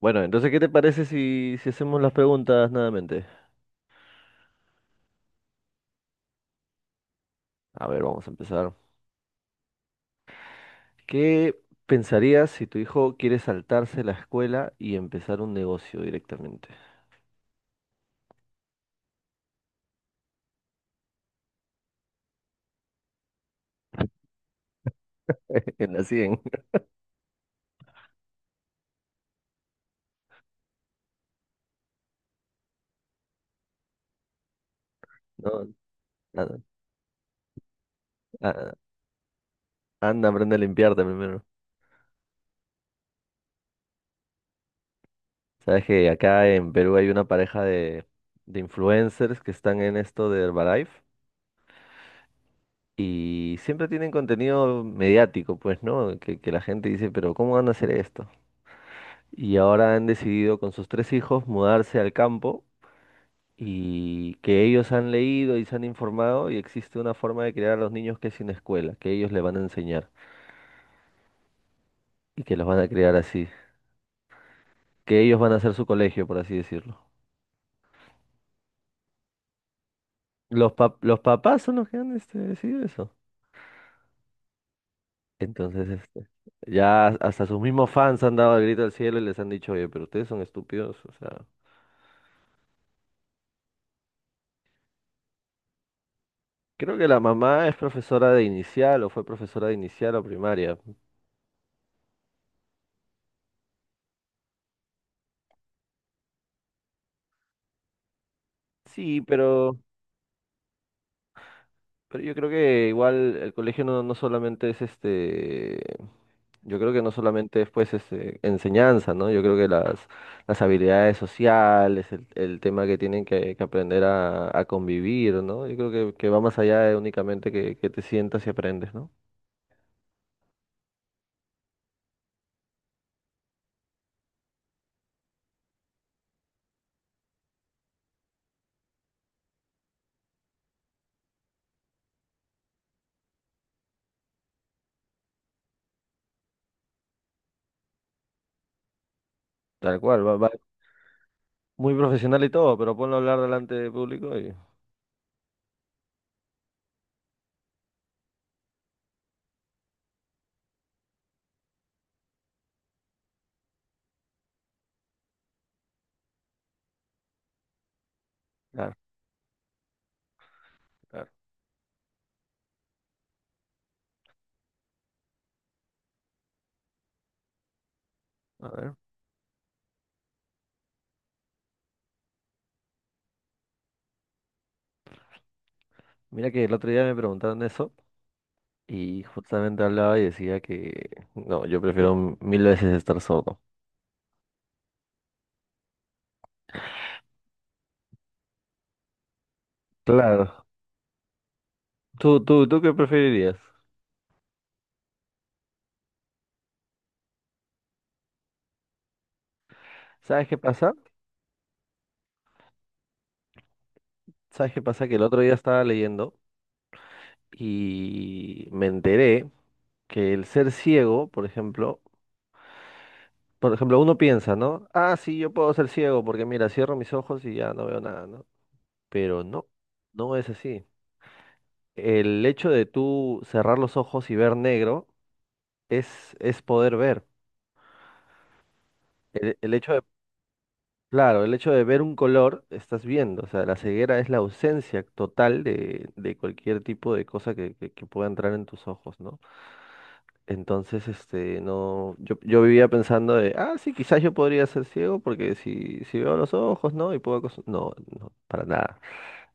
Bueno, entonces, ¿qué te parece si hacemos las preguntas nuevamente? A ver, vamos a empezar. ¿Qué pensarías si tu hijo quiere saltarse la escuela y empezar un negocio directamente? En la 100. No, nada. Ah, anda, aprende a limpiarte primero. Sabes que acá en Perú hay una pareja de influencers que están en esto de Herbalife y siempre tienen contenido mediático, pues, ¿no? Que la gente dice, pero ¿cómo van a hacer esto? Y ahora han decidido con sus tres hijos mudarse al campo y que ellos han leído y se han informado y existe una forma de criar a los niños que es sin escuela, que ellos le van a enseñar y que los van a criar así, que ellos van a hacer su colegio, por así decirlo. Los papás son los que han decidido eso. Entonces, ya hasta sus mismos fans han dado el grito al cielo y les han dicho, oye, pero ustedes son estúpidos, o sea. Creo que la mamá es profesora de inicial o fue profesora de inicial o primaria. Sí, pero yo creo que igual el colegio no solamente es yo creo que no solamente es pues enseñanza, ¿no? Yo creo que las habilidades sociales, el tema que tienen que aprender a convivir, ¿no? Yo creo que va más allá de únicamente que te sientas y aprendes, ¿no? Tal cual, va muy profesional y todo, pero ponlo a hablar delante de público y... Claro, claro. A ver, mira que el otro día me preguntaron eso y justamente hablaba y decía que, no, yo prefiero mil veces estar solo. Claro. ¿Tú qué preferirías? ¿Sabes qué pasa? ¿Sabes qué pasa? Que el otro día estaba leyendo y me enteré que el ser ciego, por ejemplo, uno piensa, ¿no? Ah, sí, yo puedo ser ciego porque mira, cierro mis ojos y ya no veo nada, ¿no? Pero no es así. El hecho de tú cerrar los ojos y ver negro es poder ver. El hecho Claro, el hecho de ver un color, estás viendo, o sea, la ceguera es la ausencia total de cualquier tipo de cosa que pueda entrar en tus ojos, ¿no? Entonces, no, yo vivía pensando de, ah, sí, quizás yo podría ser ciego porque si veo los ojos, ¿no? No, no, para nada.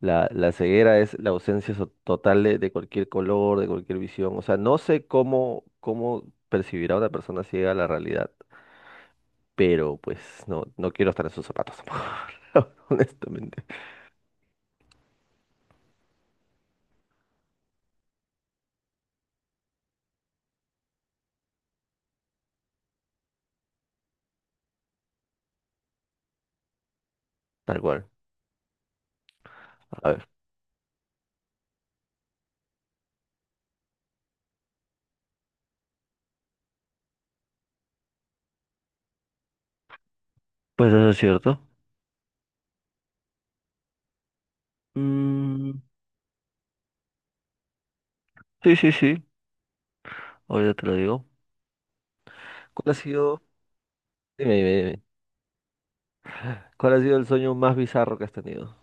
La ceguera es la ausencia total de cualquier color, de cualquier visión. O sea, no sé cómo percibirá una persona ciega la realidad, pero pues no quiero estar en sus zapatos, amor, honestamente. Tal cual. A ver. Pues eso es cierto. Mm, sí, sí, sí. Ahora te lo digo. ¿Cuál ha sido, dime, dime, dime, ¿cuál ha sido el sueño más bizarro que has tenido?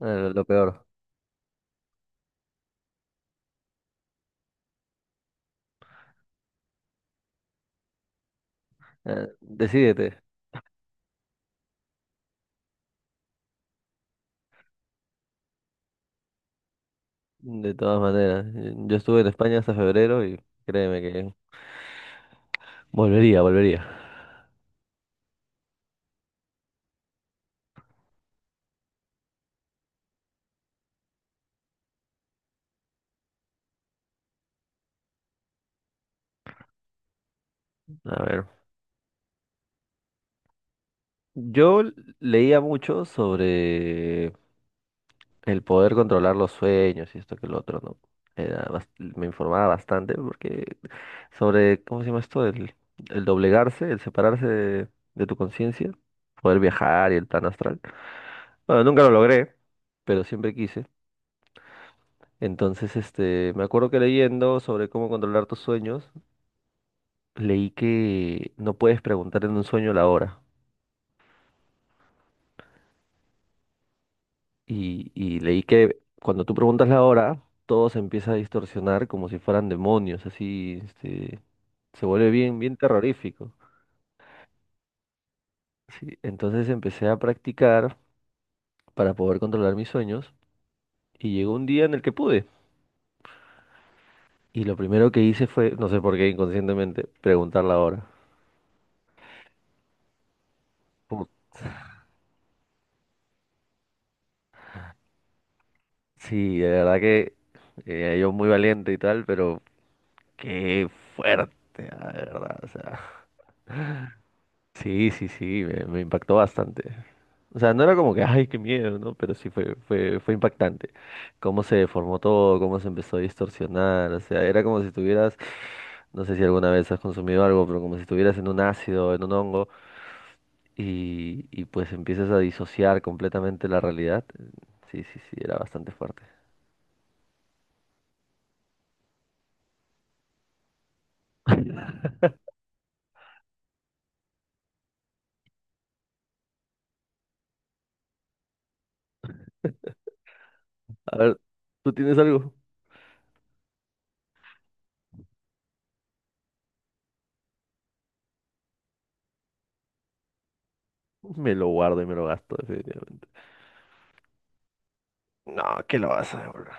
Lo peor. Decídete, de todas maneras. Yo estuve en España hasta febrero y créeme que volvería, volvería. A ver. Yo leía mucho sobre el poder controlar los sueños y esto que lo otro, ¿no? Era bas- Me informaba bastante porque sobre, ¿cómo se llama esto? El doblegarse, el separarse de tu conciencia, poder viajar y el plan astral. Bueno, nunca lo logré, pero siempre quise. Entonces, me acuerdo que leyendo sobre cómo controlar tus sueños, leí que no puedes preguntar en un sueño la hora. Y leí que cuando tú preguntas la hora, todo se empieza a distorsionar como si fueran demonios, así, se vuelve bien, bien terrorífico. Sí, entonces empecé a practicar para poder controlar mis sueños y llegó un día en el que pude. Y lo primero que hice fue, no sé por qué inconscientemente, preguntar la hora. Put- Sí, de verdad que yo muy valiente y tal, pero qué fuerte, ah, de verdad. O sea, sí, sí, sí, me impactó bastante. O sea, no era como que, ay, qué miedo, ¿no? Pero sí fue impactante. Cómo se deformó todo, cómo se empezó a distorsionar. O sea, era como si estuvieras no sé si alguna vez has consumido algo, pero como si estuvieras en un ácido, en un hongo, y pues empiezas a disociar completamente la realidad. Sí, sí, sí, era bastante fuerte. A ver, ¿tú tienes algo? Me lo guardo y me lo gasto, definitivamente. No, ¿qué lo vas a devolver?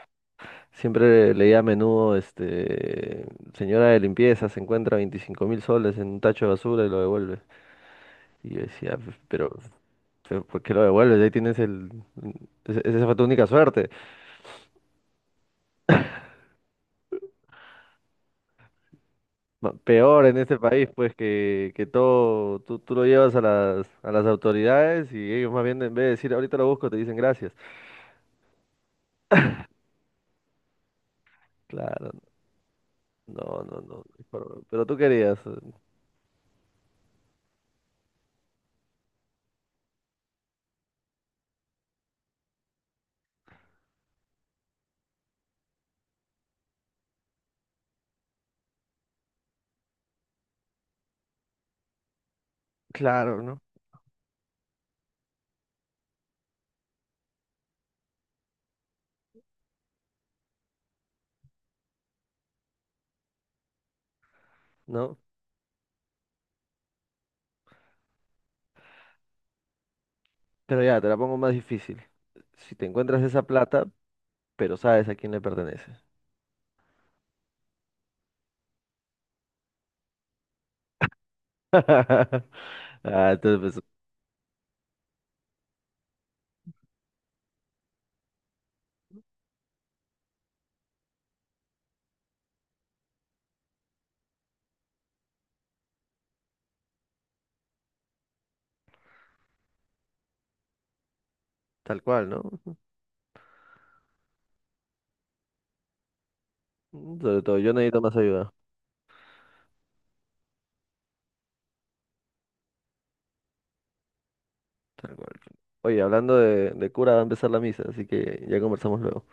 Siempre leía a menudo, señora de limpieza se encuentra 25 mil soles en un tacho de basura y lo devuelve. Y yo decía, "Pero, ¿por qué lo devuelves? Ahí tienes el... Esa fue tu única suerte. Peor en este país, pues que todo tú lo llevas a las, autoridades y ellos más bien en vez de decir ahorita lo busco, te dicen gracias. Claro, no, no, no. Pero tú querías, claro, ¿no? ¿No? Pero ya, te la pongo más difícil. Si te encuentras esa plata, pero sabes a quién le pertenece. Ah, entonces, pues, tal cual, ¿no? Sobre todo, yo necesito más ayuda. Tal cual. Oye, hablando de cura, va a empezar la misa, así que ya conversamos luego.